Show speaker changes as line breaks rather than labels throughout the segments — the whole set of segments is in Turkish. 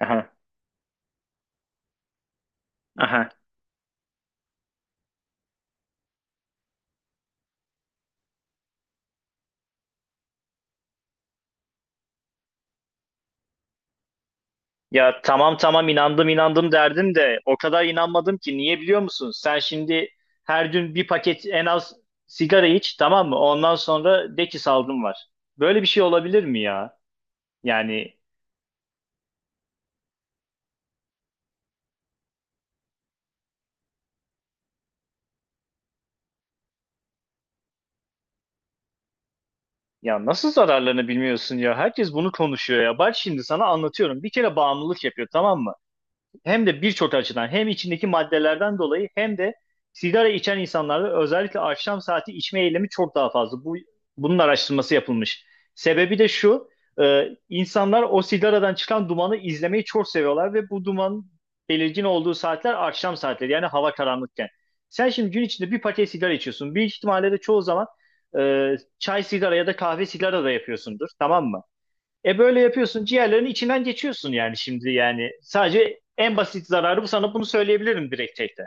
Aha, aha. Ya, tamam tamam, inandım inandım derdim de o kadar inanmadım ki, niye biliyor musun? Sen şimdi her gün bir paket en az sigara iç, tamam mı? Ondan sonra de ki salgın var. Böyle bir şey olabilir mi ya? Yani ya nasıl zararlarını bilmiyorsun ya? Herkes bunu konuşuyor ya. Bak şimdi sana anlatıyorum. Bir kere bağımlılık yapıyor, tamam mı? Hem de birçok açıdan, hem içindeki maddelerden dolayı hem de sigara içen insanlarda özellikle akşam saati içme eylemi çok daha fazla. Bunun araştırması yapılmış. Sebebi de şu, insanlar o sigaradan çıkan dumanı izlemeyi çok seviyorlar ve bu duman belirgin olduğu saatler akşam saatleri, yani hava karanlıkken. Sen şimdi gün içinde bir paket sigara içiyorsun. Büyük ihtimalle de çoğu zaman çay sigara ya da kahve sigara da yapıyorsundur, tamam mı? E böyle yapıyorsun, ciğerlerinin içinden geçiyorsun yani. Şimdi yani sadece en basit zararı bu, sana bunu söyleyebilirim direkt tekte.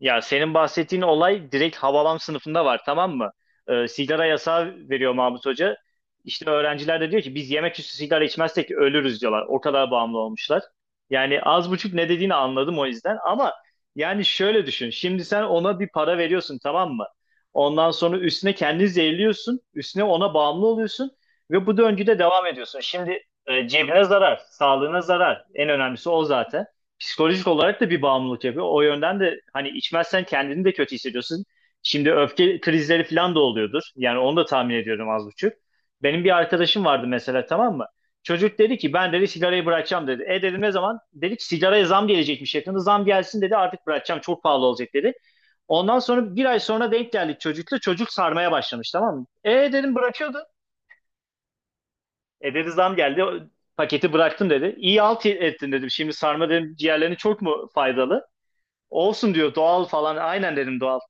Ya senin bahsettiğin olay direkt Havalam sınıfında var, tamam mı? Sigara yasağı veriyor Mahmut Hoca. İşte öğrenciler de diyor ki biz yemek üstü sigara içmezsek ölürüz diyorlar. O kadar bağımlı olmuşlar. Yani az buçuk ne dediğini anladım o yüzden. Ama yani şöyle düşün. Şimdi sen ona bir para veriyorsun, tamam mı? Ondan sonra üstüne kendini zehirliyorsun. Üstüne ona bağımlı oluyorsun. Ve bu döngüde devam ediyorsun. Şimdi cebine zarar, sağlığına zarar. En önemlisi o zaten psikolojik olarak da bir bağımlılık yapıyor. O yönden de hani içmezsen kendini de kötü hissediyorsun. Şimdi öfke krizleri falan da oluyordur. Yani onu da tahmin ediyorum az buçuk. Benim bir arkadaşım vardı mesela, tamam mı? Çocuk dedi ki ben dedi sigarayı bırakacağım dedi. E dedim ne zaman? Dedi ki sigaraya zam gelecekmiş yakında. Zam gelsin dedi artık bırakacağım, çok pahalı olacak dedi. Ondan sonra bir ay sonra denk geldik çocukla. Çocuk sarmaya başlamış, tamam mı? E dedim bırakıyordu. E dedi zam geldi, paketi bıraktım dedi. İyi alt ettin dedim. Şimdi sarma dedim ciğerlerine çok mu faydalı? Olsun diyor, doğal falan. Aynen dedim, doğal.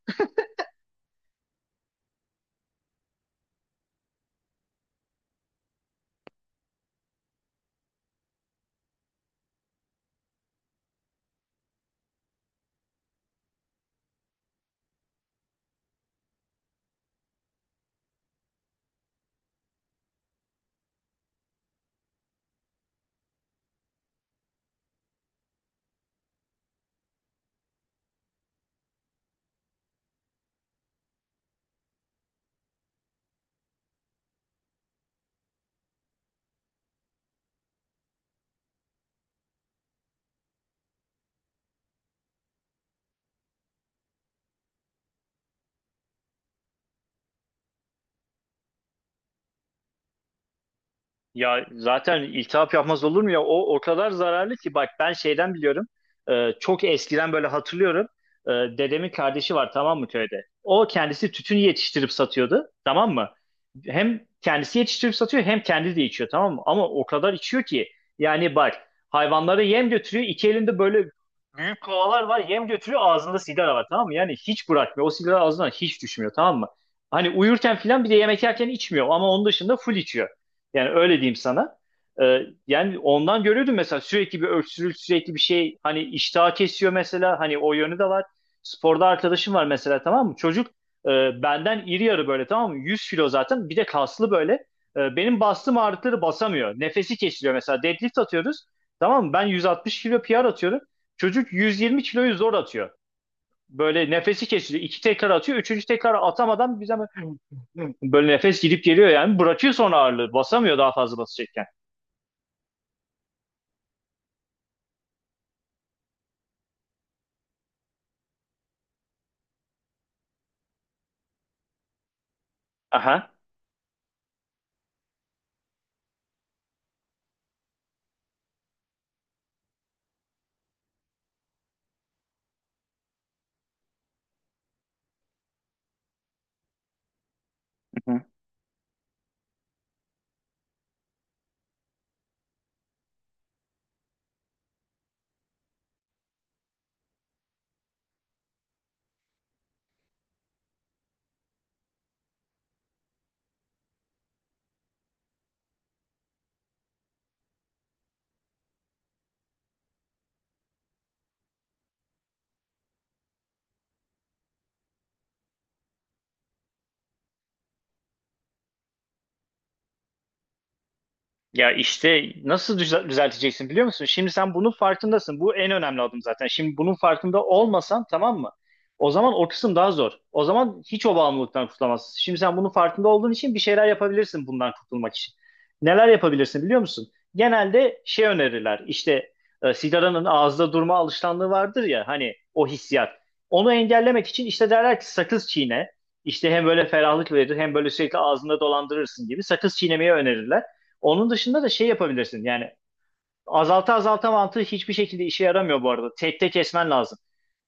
Ya zaten iltihap yapmaz olur mu ya? O kadar zararlı ki, bak ben şeyden biliyorum. Çok eskiden böyle hatırlıyorum. Dedemin kardeşi var tamam mı köyde? O kendisi tütün yetiştirip satıyordu, tamam mı? Hem kendisi yetiştirip satıyor hem kendi de içiyor, tamam mı? Ama o kadar içiyor ki, yani bak, hayvanlara yem götürüyor. İki elinde böyle büyük kovalar var, yem götürüyor, ağzında sigara var, tamam mı? Yani hiç bırakmıyor. O sigara ağzından hiç düşmüyor, tamam mı? Hani uyurken filan bir de yemek yerken içmiyor ama onun dışında full içiyor. Yani öyle diyeyim sana. Ee, Yani ondan görüyordum mesela, sürekli bir öksürük, sürekli bir şey, hani iştah kesiyor mesela, hani o yönü de var. Sporda arkadaşım var mesela, tamam mı? Çocuk benden iri yarı böyle, tamam mı? 100 kilo zaten, bir de kaslı böyle. E, benim bastığım ağırlıkları basamıyor. Nefesi kesiliyor. Mesela deadlift atıyoruz. Tamam mı? Ben 160 kilo PR atıyorum. Çocuk 120 kiloyu zor atıyor. Böyle nefesi kesiliyor. İki tekrar atıyor. Üçüncü tekrar atamadan bize böyle nefes gidip geliyor yani. Bırakıyor sonra ağırlığı. Basamıyor, daha fazla basacak. Ajá. Ya işte nasıl düzelteceksin biliyor musun? Şimdi sen bunun farkındasın. Bu en önemli adım zaten. Şimdi bunun farkında olmasan, tamam mı? O zaman o kısım daha zor. O zaman hiç o bağımlılıktan kurtulamazsın. Şimdi sen bunun farkında olduğun için bir şeyler yapabilirsin bundan kurtulmak için. Neler yapabilirsin biliyor musun? Genelde şey önerirler. İşte sigaranın ağızda durma alışkanlığı vardır ya, hani o hissiyat. Onu engellemek için işte derler ki sakız çiğne. İşte hem böyle ferahlık verir hem böyle sürekli ağzında dolandırırsın gibi, sakız çiğnemeyi önerirler. Onun dışında da şey yapabilirsin. Yani azalta azalta mantığı hiçbir şekilde işe yaramıyor bu arada. Tek tek kesmen lazım.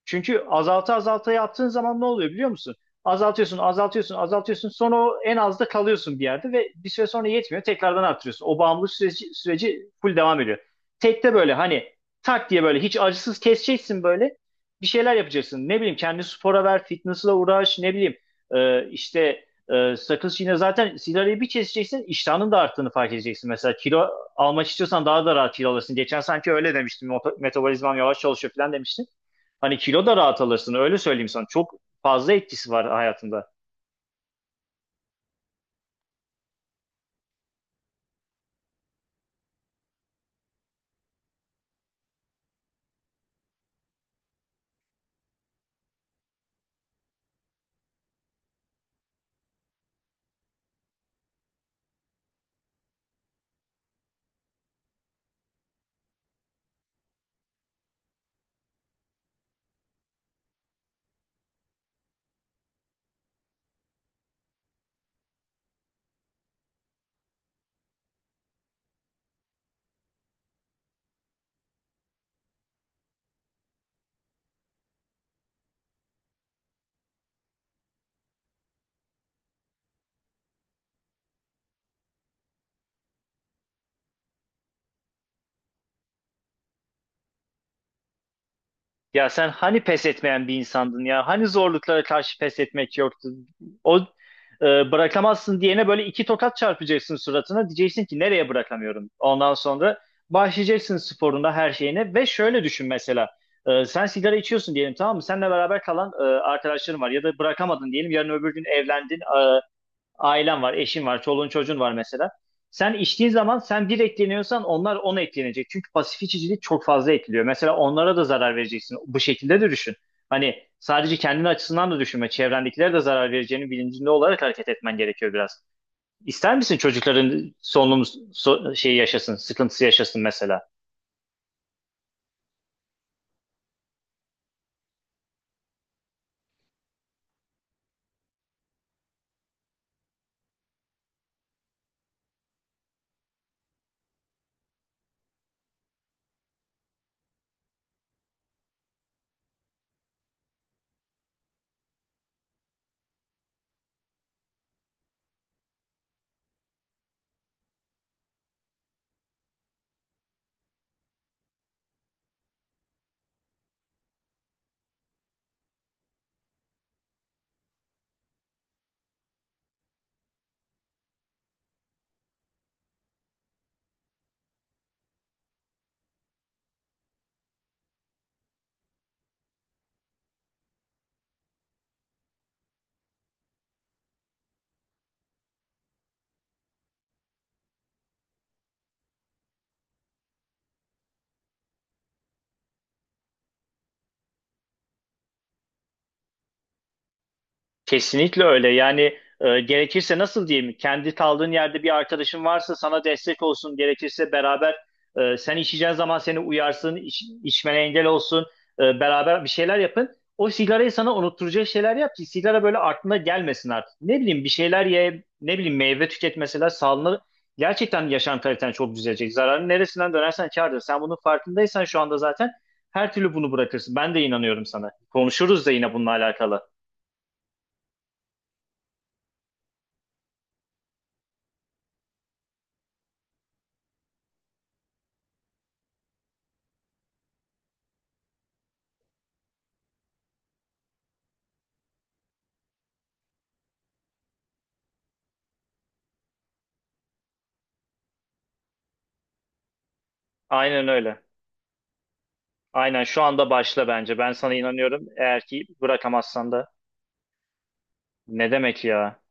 Çünkü azalta azalta yaptığın zaman ne oluyor biliyor musun? Azaltıyorsun, azaltıyorsun, azaltıyorsun. Sonra o en azda kalıyorsun bir yerde ve bir süre sonra yetmiyor. Tekrardan arttırıyorsun. O bağımlılık süreci full devam ediyor. Tekte böyle hani, tak diye böyle hiç acısız keseceksin böyle. Bir şeyler yapacaksın. Ne bileyim, kendini spora ver, fitness'la uğraş, ne bileyim, e, işte sakız, yine zaten sigarayı bir keseceksin, iştahının da arttığını fark edeceksin. Mesela kilo almak istiyorsan daha da rahat kilo alırsın. Geçen sanki öyle demiştin, metabolizmam yavaş çalışıyor falan demiştin. Hani kilo da rahat alırsın, öyle söyleyeyim sana. Çok fazla etkisi var hayatında. Ya sen hani pes etmeyen bir insandın ya? Hani zorluklara karşı pes etmek yoktu? O Bırakamazsın diyene böyle iki tokat çarpacaksın suratına. Diyeceksin ki nereye bırakamıyorum? Ondan sonra başlayacaksın sporuna, her şeyine ve şöyle düşün mesela. E, sen sigara içiyorsun diyelim, tamam mı? Seninle beraber kalan arkadaşların var ya da bırakamadın diyelim. Yarın öbür gün evlendin. e, Ailen var, eşin var, çoluğun çocuğun var mesela. Sen içtiğin zaman sen bir etkileniyorsan, onlar ona etkilenecek. Çünkü pasif içicilik çok fazla etkiliyor. Mesela onlara da zarar vereceksin. Bu şekilde de düşün. Hani sadece kendin açısından da düşünme. Çevrendekilere de zarar vereceğinin bilincinde olarak hareket etmen gerekiyor biraz. İster misin çocukların solunum şeyi yaşasın, sıkıntısı yaşasın mesela? Kesinlikle öyle. Yani gerekirse nasıl diyeyim? Kendi kaldığın yerde bir arkadaşın varsa sana destek olsun. Gerekirse beraber, sen içeceğin zaman seni uyarsın, içmene engel olsun. E, beraber bir şeyler yapın. O sigarayı sana unutturacak şeyler yap ki sigara böyle aklına gelmesin artık. Ne bileyim, bir şeyler ye, ne bileyim, meyve tüket mesela. Sağlığına, gerçekten yaşam kaliten çok düzelecek. Zararın neresinden dönersen kârdır. Sen bunun farkındaysan şu anda zaten her türlü bunu bırakırsın. Ben de inanıyorum sana. Konuşuruz da yine bununla alakalı. Aynen öyle. Aynen şu anda başla bence. Ben sana inanıyorum. Eğer ki bırakamazsan da ne demek ya?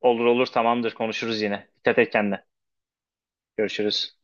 Olur olur, tamamdır, konuşuruz yine. Dikkat et kendine. Görüşürüz.